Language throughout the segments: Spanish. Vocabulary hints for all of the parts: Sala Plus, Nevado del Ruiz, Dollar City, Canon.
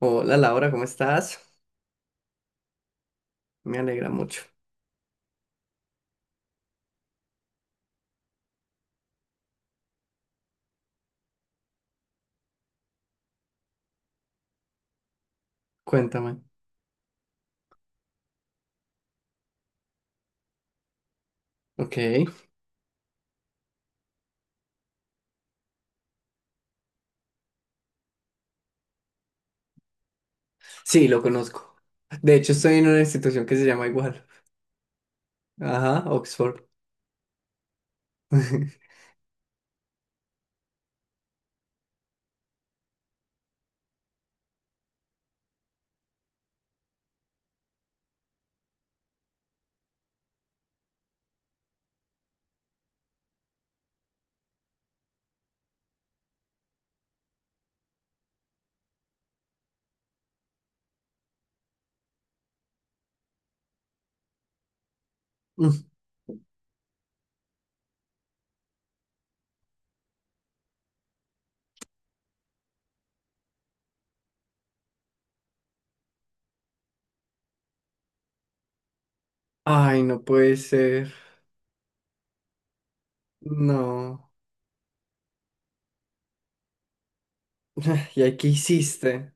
Hola Laura, ¿cómo estás? Me alegra mucho. Cuéntame. Ok. Sí, lo conozco. De hecho, estoy en una institución que se llama igual. Ajá, Oxford. Mm. Ay, no puede ser. No. ¿Y ahí qué hiciste?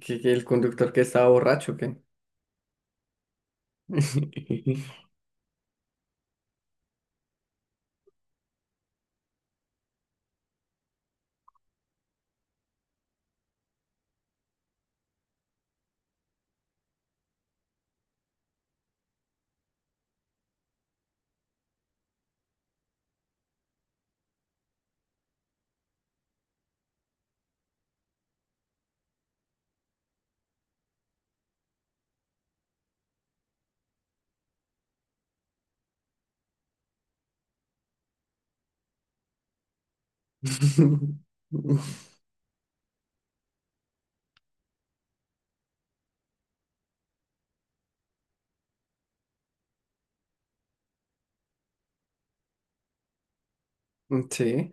¿Que el conductor que estaba borracho, o ¿qué? Sí.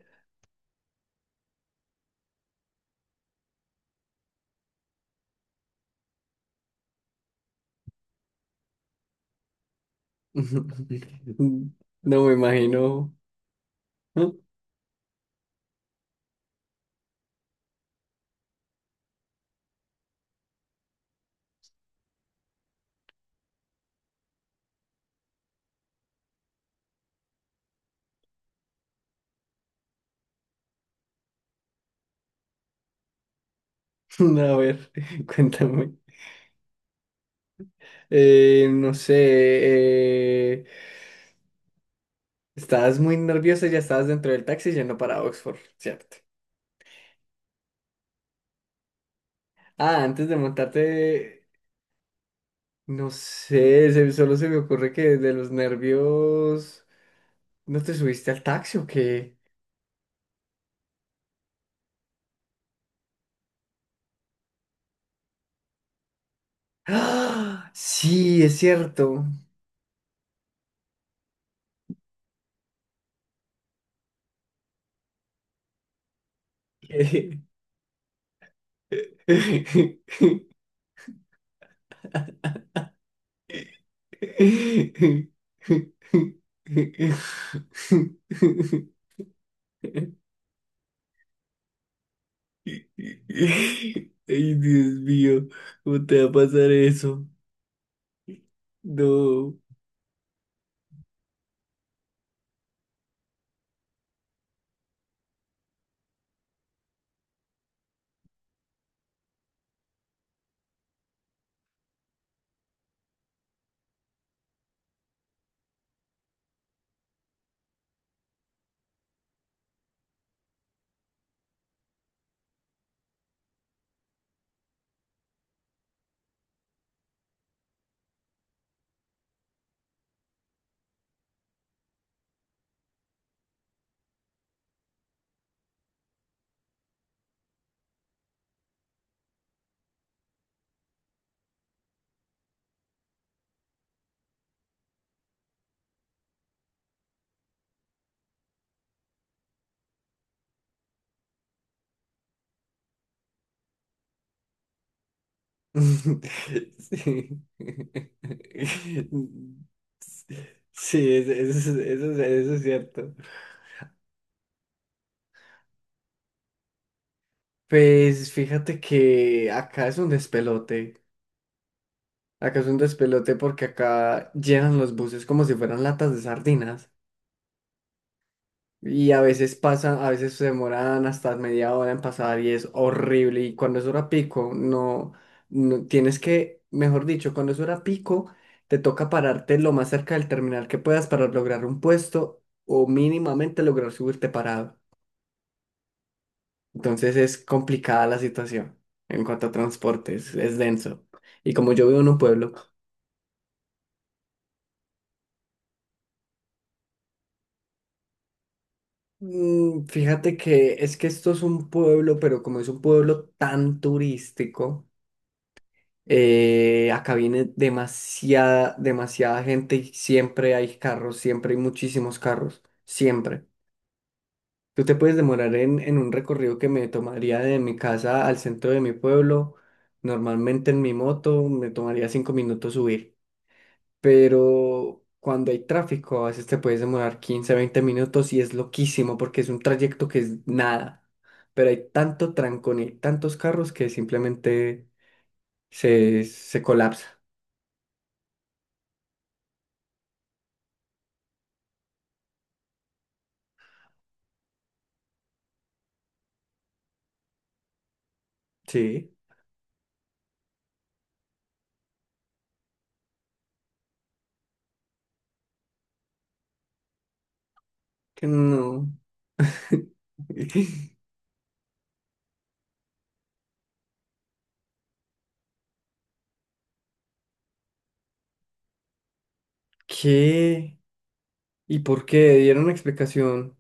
No me imagino. A ver, cuéntame. No sé. eh, Estabas muy nerviosa, ya estabas dentro del taxi yendo para Oxford, ¿cierto? Ah, antes de montarte, no sé, solo se me ocurre que de los nervios, ¿no te subiste al taxi o qué? ¡Ah! Sí, es cierto. ¿Qué? Ay, Dios mío, ¿cómo te va a pasar eso? No. Sí. Sí, es- eso es- eso, es eso es cierto. Pues fíjate que acá es un despelote. Acá es un despelote porque acá llenan los buses como si fueran latas de sardinas. Y a veces pasa, a veces se demoran hasta media hora en pasar y es horrible. Y cuando es hora pico, no, no tienes que, mejor dicho, cuando es hora pico, te toca pararte lo más cerca del terminal que puedas para lograr un puesto o mínimamente lograr subirte parado. Entonces es complicada la situación en cuanto a transportes, es denso. Y como yo vivo en un pueblo, mm, fíjate que es que esto es un pueblo, pero como es un pueblo tan turístico. Acá viene demasiada gente y siempre hay carros, siempre hay muchísimos carros, siempre. Tú te puedes demorar en un recorrido que me tomaría de mi casa al centro de mi pueblo, normalmente en mi moto me tomaría cinco minutos subir, pero cuando hay tráfico a veces te puedes demorar 15 20 minutos y es loquísimo porque es un trayecto que es nada, pero hay tanto trancón y tantos carros que simplemente se colapsa, ¿sí? No. ¿Qué? ¿Y por qué? ¿Dieron una explicación?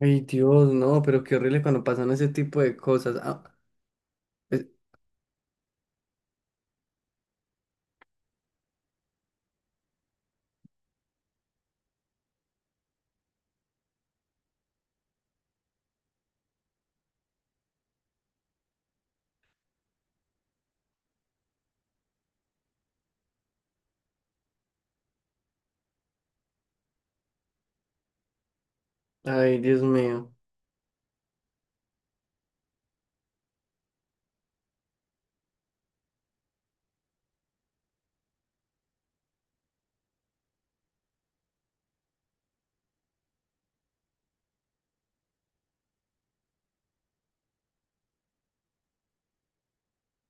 Ay, Dios, no, pero qué horrible cuando pasan ese tipo de cosas. Es- Ay, Dios mío.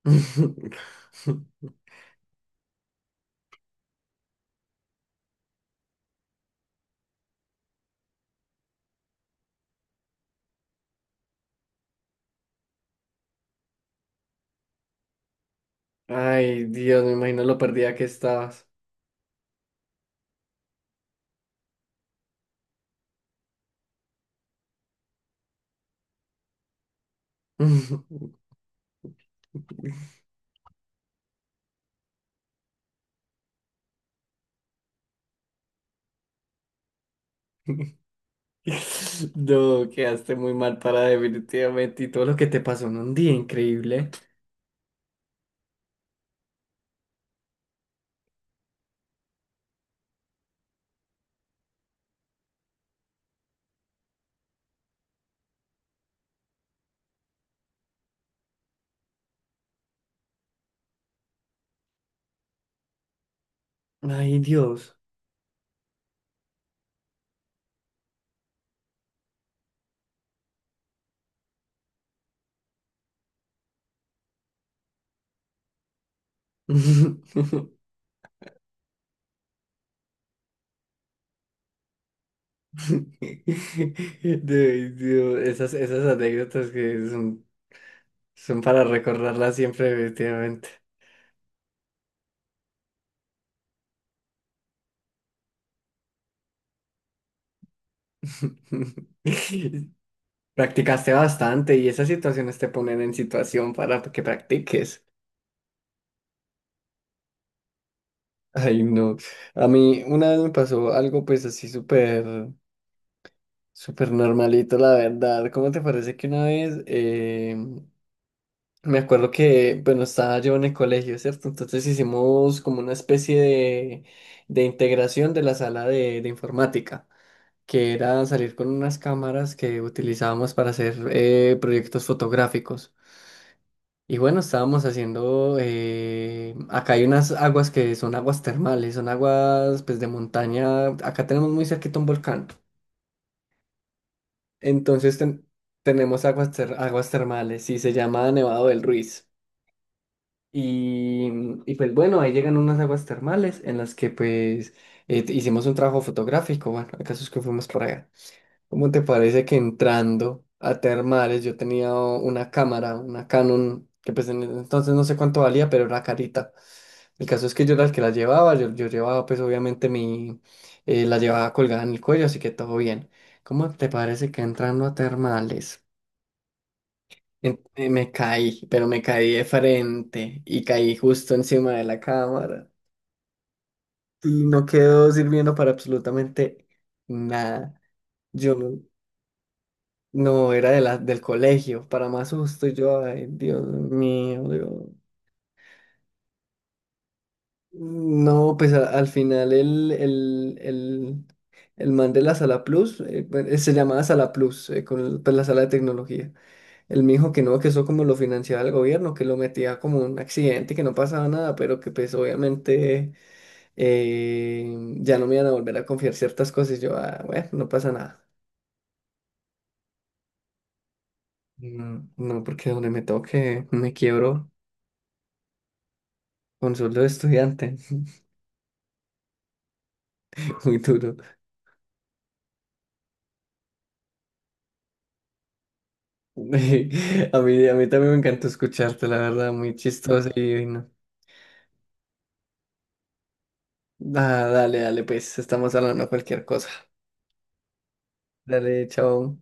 Ay, Dios, me imagino lo perdida que estabas. No, quedaste muy mal para definitivamente y todo lo que te pasó en un día increíble. Ay, Dios. Dios, Dios, esas anécdotas que son, son para recordarlas siempre, definitivamente. Practicaste bastante y esas situaciones te ponen en situación para que practiques. Ay, no. A mí una vez me pasó algo pues así súper, súper normalito, la verdad. ¿Cómo te parece que una vez me acuerdo que, bueno, estaba yo en el colegio, ¿cierto? Entonces hicimos como una especie de integración de la sala de informática, que era salir con unas cámaras que utilizábamos para hacer proyectos fotográficos. Y bueno, estábamos haciendo, acá hay unas aguas que son aguas termales, son aguas pues de montaña, acá tenemos muy cerquita un volcán. Entonces ten- Tenemos aguas termales y se llama Nevado del Ruiz. Y, y pues bueno, ahí llegan unas aguas termales en las que pues hicimos un trabajo fotográfico. Bueno, el caso es que fuimos por allá. ¿Cómo te parece que entrando a termales yo tenía una cámara, una Canon, que pues en ese entonces no sé cuánto valía, pero era carita? El caso es que yo era el que la llevaba, yo llevaba pues obviamente mi, la llevaba colgada en el cuello, así que todo bien. ¿Cómo te parece que entrando a termales? Me caí, pero me caí de frente y caí justo encima de la cámara y no quedó sirviendo para absolutamente nada. Yo no, No, era de del colegio, para más susto. Y yo, ay, Dios mío, Dios. No, pues al final el man de la Sala Plus, bueno, se llamaba Sala Plus, pues, la sala de tecnología. El mijo que no, que eso como lo financiaba el gobierno, que lo metía como un accidente, que no pasaba nada, pero que pues obviamente ya no me iban a volver a confiar ciertas cosas. Y yo, ah, bueno, no pasa nada. No, porque donde me toque me quiebro con sueldo de estudiante, muy duro. A mí también me encantó escucharte, la verdad, muy chistoso y no. Ah, dale, dale, pues estamos hablando de cualquier cosa. Dale, chao.